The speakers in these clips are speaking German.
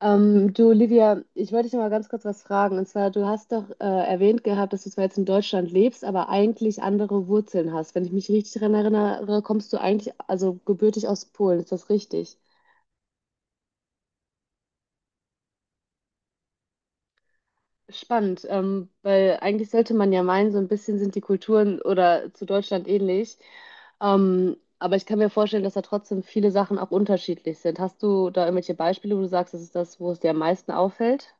Du, Olivia, ich wollte dich noch mal ganz kurz was fragen. Und zwar, du hast doch erwähnt gehabt, dass du zwar jetzt in Deutschland lebst, aber eigentlich andere Wurzeln hast. Wenn ich mich richtig daran erinnere, kommst du eigentlich, also gebürtig aus Polen. Ist das richtig? Spannend, weil eigentlich sollte man ja meinen, so ein bisschen sind die Kulturen oder zu Deutschland ähnlich. Aber ich kann mir vorstellen, dass da trotzdem viele Sachen auch unterschiedlich sind. Hast du da irgendwelche Beispiele, wo du sagst, das ist das, wo es dir am meisten auffällt?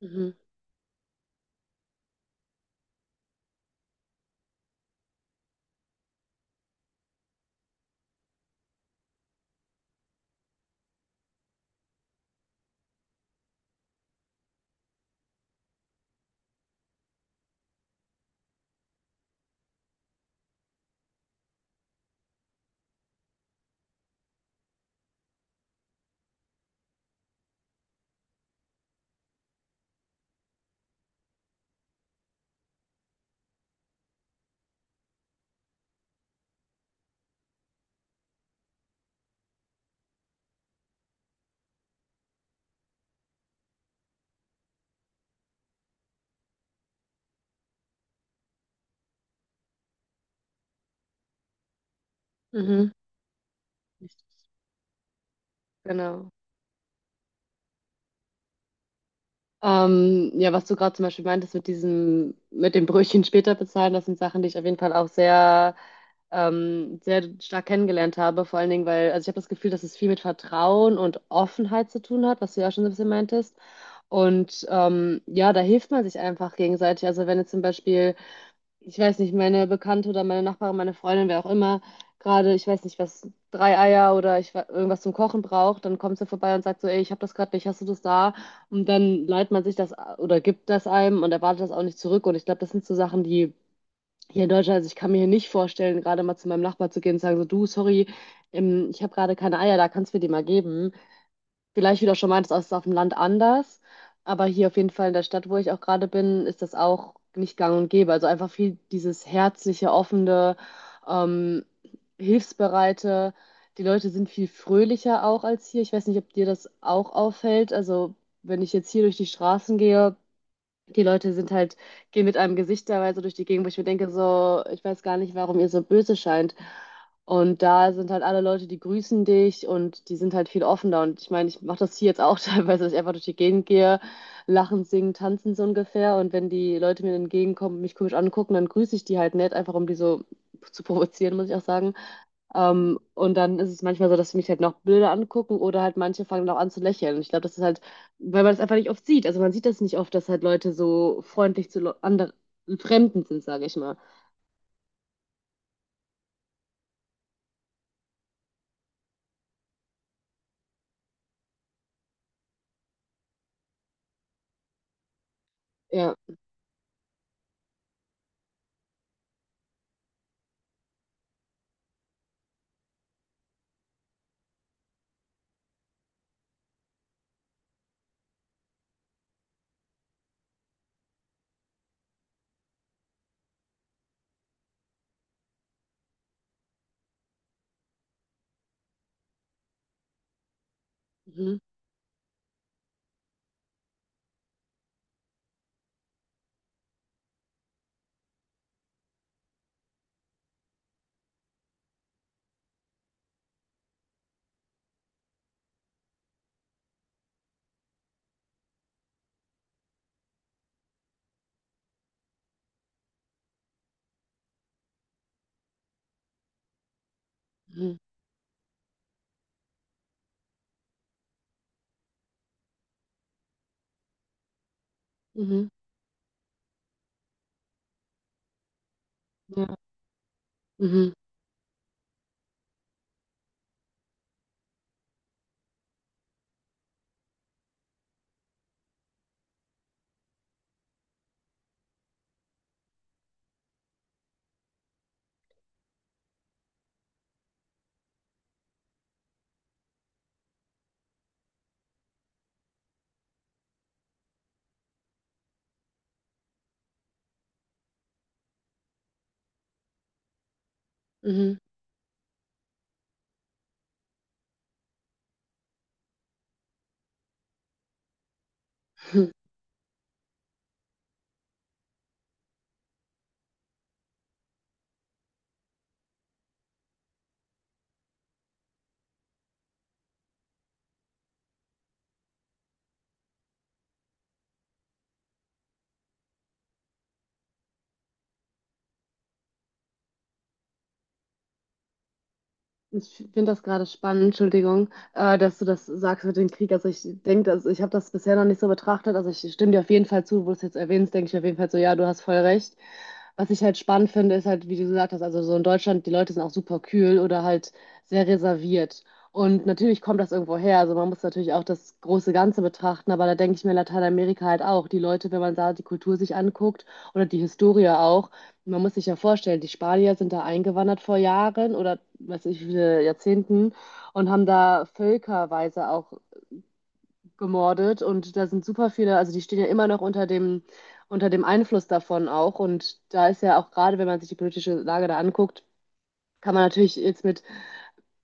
Mhm. Mhm. Richtig. Genau. Ja, was du gerade zum Beispiel meintest mit diesem, mit dem Brötchen später bezahlen, das sind Sachen, die ich auf jeden Fall auch sehr, sehr stark kennengelernt habe. Vor allen Dingen, weil, also ich habe das Gefühl, dass es viel mit Vertrauen und Offenheit zu tun hat, was du ja auch schon so ein bisschen meintest. Und ja, da hilft man sich einfach gegenseitig. Also wenn jetzt zum Beispiel ich weiß nicht, meine Bekannte oder meine Nachbarin, meine Freundin, wer auch immer, gerade, ich weiß nicht, was, drei Eier oder ich, irgendwas zum Kochen braucht, dann kommt sie vorbei und sagt so, ey, ich habe das gerade nicht, hast du das da? Und dann leiht man sich das oder gibt das einem und erwartet das auch nicht zurück. Und ich glaube, das sind so Sachen, die hier in Deutschland, also ich kann mir hier nicht vorstellen, gerade mal zu meinem Nachbar zu gehen und sagen so, du, sorry, ich habe gerade keine Eier, da kannst du mir die mal geben. Vielleicht, wie du auch schon meintest, ist es auf dem Land anders, aber hier auf jeden Fall in der Stadt, wo ich auch gerade bin, ist das auch nicht gang und gäbe. Also einfach viel dieses herzliche, offene, ähm, hilfsbereite. Die Leute sind viel fröhlicher auch als hier. Ich weiß nicht, ob dir das auch auffällt. Also wenn ich jetzt hier durch die Straßen gehe, die Leute sind halt, gehen mit einem Gesicht teilweise durch die Gegend, wo ich mir denke, so, ich weiß gar nicht, warum ihr so böse scheint. Und da sind halt alle Leute, die grüßen dich und die sind halt viel offener. Und ich meine, ich mache das hier jetzt auch teilweise, dass ich einfach durch die Gegend gehe, lachen, singen, tanzen so ungefähr. Und wenn die Leute mir entgegenkommen und mich komisch angucken, dann grüße ich die halt nett, einfach um die so zu provozieren, muss ich auch sagen. Und dann ist es manchmal so, dass sie mich halt noch Bilder angucken oder halt manche fangen dann auch an zu lächeln. Und ich glaube, das ist halt, weil man das einfach nicht oft sieht. Also man sieht das nicht oft, dass halt Leute so freundlich zu anderen Fremden sind, sage ich mal. Ja. Mhm. Mhm. Mhm. Ja. Mhm. Mhm. Ich finde das gerade spannend, Entschuldigung, dass du das sagst mit dem Krieg. Also ich denke, also ich habe das bisher noch nicht so betrachtet. Also ich stimme dir auf jeden Fall zu, wo du es jetzt erwähnst, denke ich auf jeden Fall so, ja, du hast voll recht. Was ich halt spannend finde, ist halt, wie du gesagt hast, also so in Deutschland, die Leute sind auch super kühl oder halt sehr reserviert. Und natürlich kommt das irgendwo her. Also man muss natürlich auch das große Ganze betrachten, aber da denke ich mir in Lateinamerika halt auch, die Leute, wenn man da die Kultur sich anguckt oder die Historie auch, man muss sich ja vorstellen, die Spanier sind da eingewandert vor Jahren oder weiß ich, wie viele Jahrzehnten und haben da völkerweise auch gemordet und da sind super viele, also die stehen ja immer noch unter dem Einfluss davon auch und da ist ja auch gerade, wenn man sich die politische Lage da anguckt, kann man natürlich jetzt mit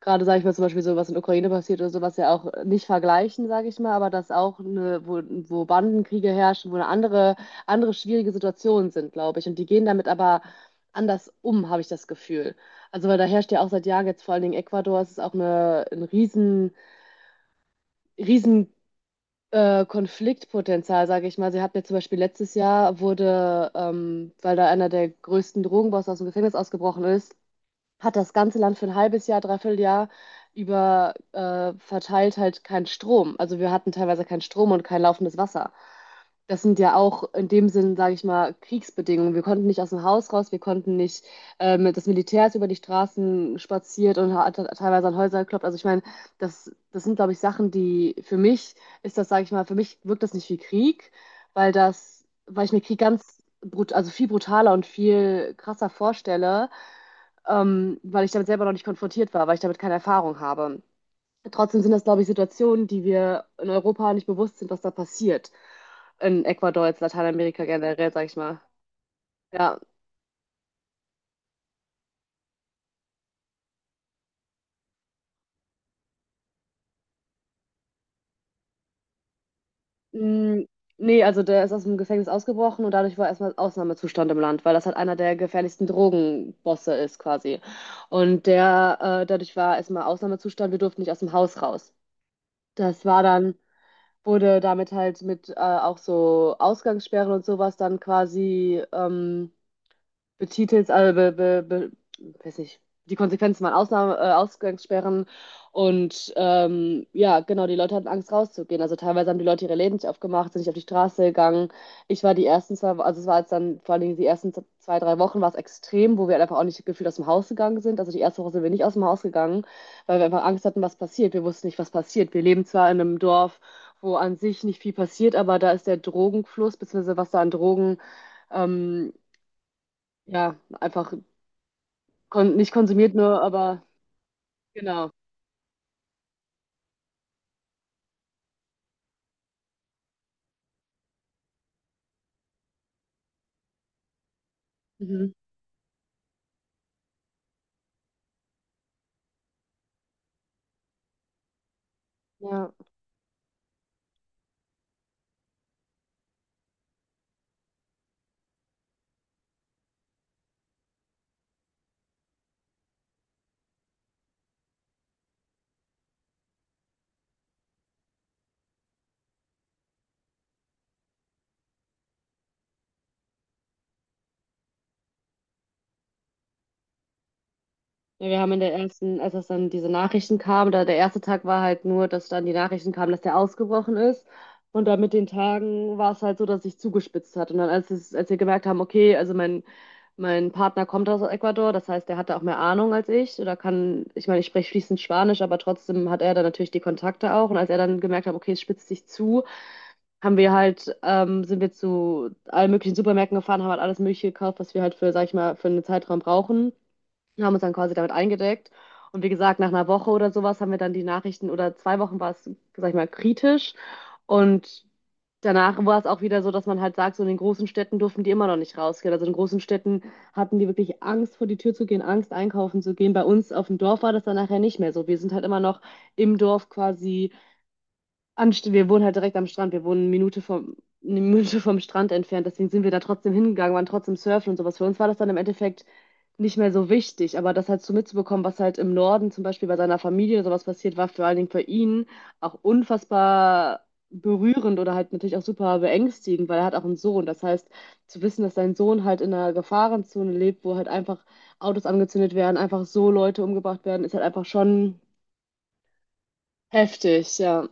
gerade sage ich mal zum Beispiel so, was in der Ukraine passiert oder sowas ja auch nicht vergleichen, sage ich mal, aber dass auch eine, wo, wo Bandenkriege herrschen, wo eine andere, andere schwierige Situationen sind, glaube ich. Und die gehen damit aber anders um, habe ich das Gefühl. Also weil da herrscht ja auch seit Jahren jetzt vor allen Dingen Ecuador, es ist auch eine, ein riesen, riesen Konfliktpotenzial, sage ich mal. Sie hatten ja zum Beispiel letztes Jahr wurde, weil da einer der größten Drogenbosse aus dem Gefängnis ausgebrochen ist, hat das ganze Land für ein halbes Jahr, dreiviertel Jahr über verteilt halt keinen Strom. Also wir hatten teilweise keinen Strom und kein laufendes Wasser. Das sind ja auch in dem Sinn, sage ich mal, Kriegsbedingungen. Wir konnten nicht aus dem Haus raus, wir konnten nicht, das Militär ist über die Straßen spaziert und hat teilweise an Häuser geklopft. Also ich meine, das sind, glaube ich, Sachen, die für mich ist das, sage ich mal, für mich wirkt das nicht wie Krieg, weil das, weil ich mir Krieg ganz brut, also viel brutaler und viel krasser vorstelle weil ich damit selber noch nicht konfrontiert war, weil ich damit keine Erfahrung habe. Trotzdem sind das, glaube ich, Situationen, die wir in Europa nicht bewusst sind, was da passiert. In Ecuador, jetzt Lateinamerika generell, sag ich mal. Ja. Mm, nee, also der ist aus dem Gefängnis ausgebrochen und dadurch war erstmal Ausnahmezustand im Land, weil das halt einer der gefährlichsten Drogenbosse ist quasi. Und der, dadurch war erstmal Ausnahmezustand, wir durften nicht aus dem Haus raus. Das war dann wurde damit halt mit auch so Ausgangssperren und sowas dann quasi betitelt also weiß nicht, die Konsequenzen waren Ausnahme, Ausgangssperren und ja, genau, die Leute hatten Angst rauszugehen. Also teilweise haben die Leute ihre Läden nicht aufgemacht, sind nicht auf die Straße gegangen. Ich war die ersten zwei, also es war jetzt dann vor allen Dingen die ersten zwei, drei Wochen war es extrem, wo wir halt einfach auch nicht gefühlt aus dem Haus gegangen sind. Also die erste Woche sind wir nicht aus dem Haus gegangen, weil wir einfach Angst hatten, was passiert. Wir wussten nicht, was passiert. Wir leben zwar in einem Dorf, wo an sich nicht viel passiert, aber da ist der Drogenfluss, beziehungsweise was da an Drogen ähm, ja, einfach Kon nicht konsumiert, nur aber genau. Mhm. Ja. Ja, wir haben in der ersten, als es dann diese Nachrichten kam, da der erste Tag war halt nur, dass dann die Nachrichten kamen, dass der ausgebrochen ist. Und dann mit den Tagen war es halt so, dass sich zugespitzt hat. Und dann, als es, als wir gemerkt haben, okay, also mein Partner kommt aus Ecuador, das heißt, der hatte auch mehr Ahnung als ich. Oder kann, ich meine, ich spreche fließend Spanisch, aber trotzdem hat er dann natürlich die Kontakte auch. Und als er dann gemerkt hat, okay, es spitzt sich zu, haben wir halt, sind wir zu allen möglichen Supermärkten gefahren, haben halt alles Mögliche gekauft, was wir halt für, sag ich mal, für einen Zeitraum brauchen. Wir haben uns dann quasi damit eingedeckt. Und wie gesagt, nach einer Woche oder sowas haben wir dann die Nachrichten oder zwei Wochen war es, sag ich mal, kritisch. Und danach war es auch wieder so, dass man halt sagt, so in den großen Städten durften die immer noch nicht rausgehen. Also in großen Städten hatten die wirklich Angst, vor die Tür zu gehen, Angst, einkaufen zu gehen. Bei uns auf dem Dorf war das dann nachher nicht mehr so. Wir sind halt immer noch im Dorf quasi Anst wir wohnen halt direkt am Strand. Wir wohnen eine Minute vom Strand entfernt. Deswegen sind wir da trotzdem hingegangen, waren trotzdem surfen und sowas. Für uns war das dann im Endeffekt nicht mehr so wichtig. Aber das halt so mitzubekommen, was halt im Norden zum Beispiel bei seiner Familie oder sowas passiert, war vor allen Dingen für ihn auch unfassbar berührend oder halt natürlich auch super beängstigend, weil er hat auch einen Sohn. Das heißt, zu wissen, dass sein Sohn halt in einer Gefahrenzone lebt, wo halt einfach Autos angezündet werden, einfach so Leute umgebracht werden, ist halt einfach schon heftig, ja.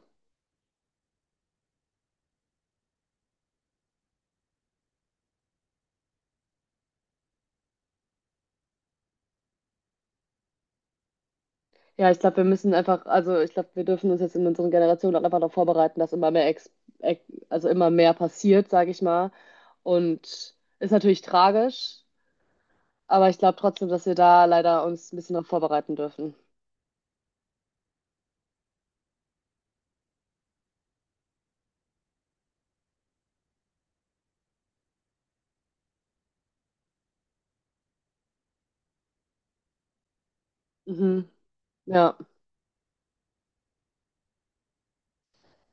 Ja, ich glaube, wir müssen einfach, also ich glaube, wir dürfen uns jetzt in unseren Generationen auch einfach darauf vorbereiten, dass immer mehr Ex Ex also immer mehr passiert, sage ich mal. Und ist natürlich tragisch, aber ich glaube trotzdem, dass wir da leider uns ein bisschen noch vorbereiten dürfen. Mhm. Ja,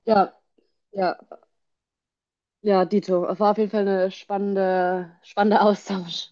ja, ja, ja, Dito. War auf jeden Fall eine spannende, spannende Austausch.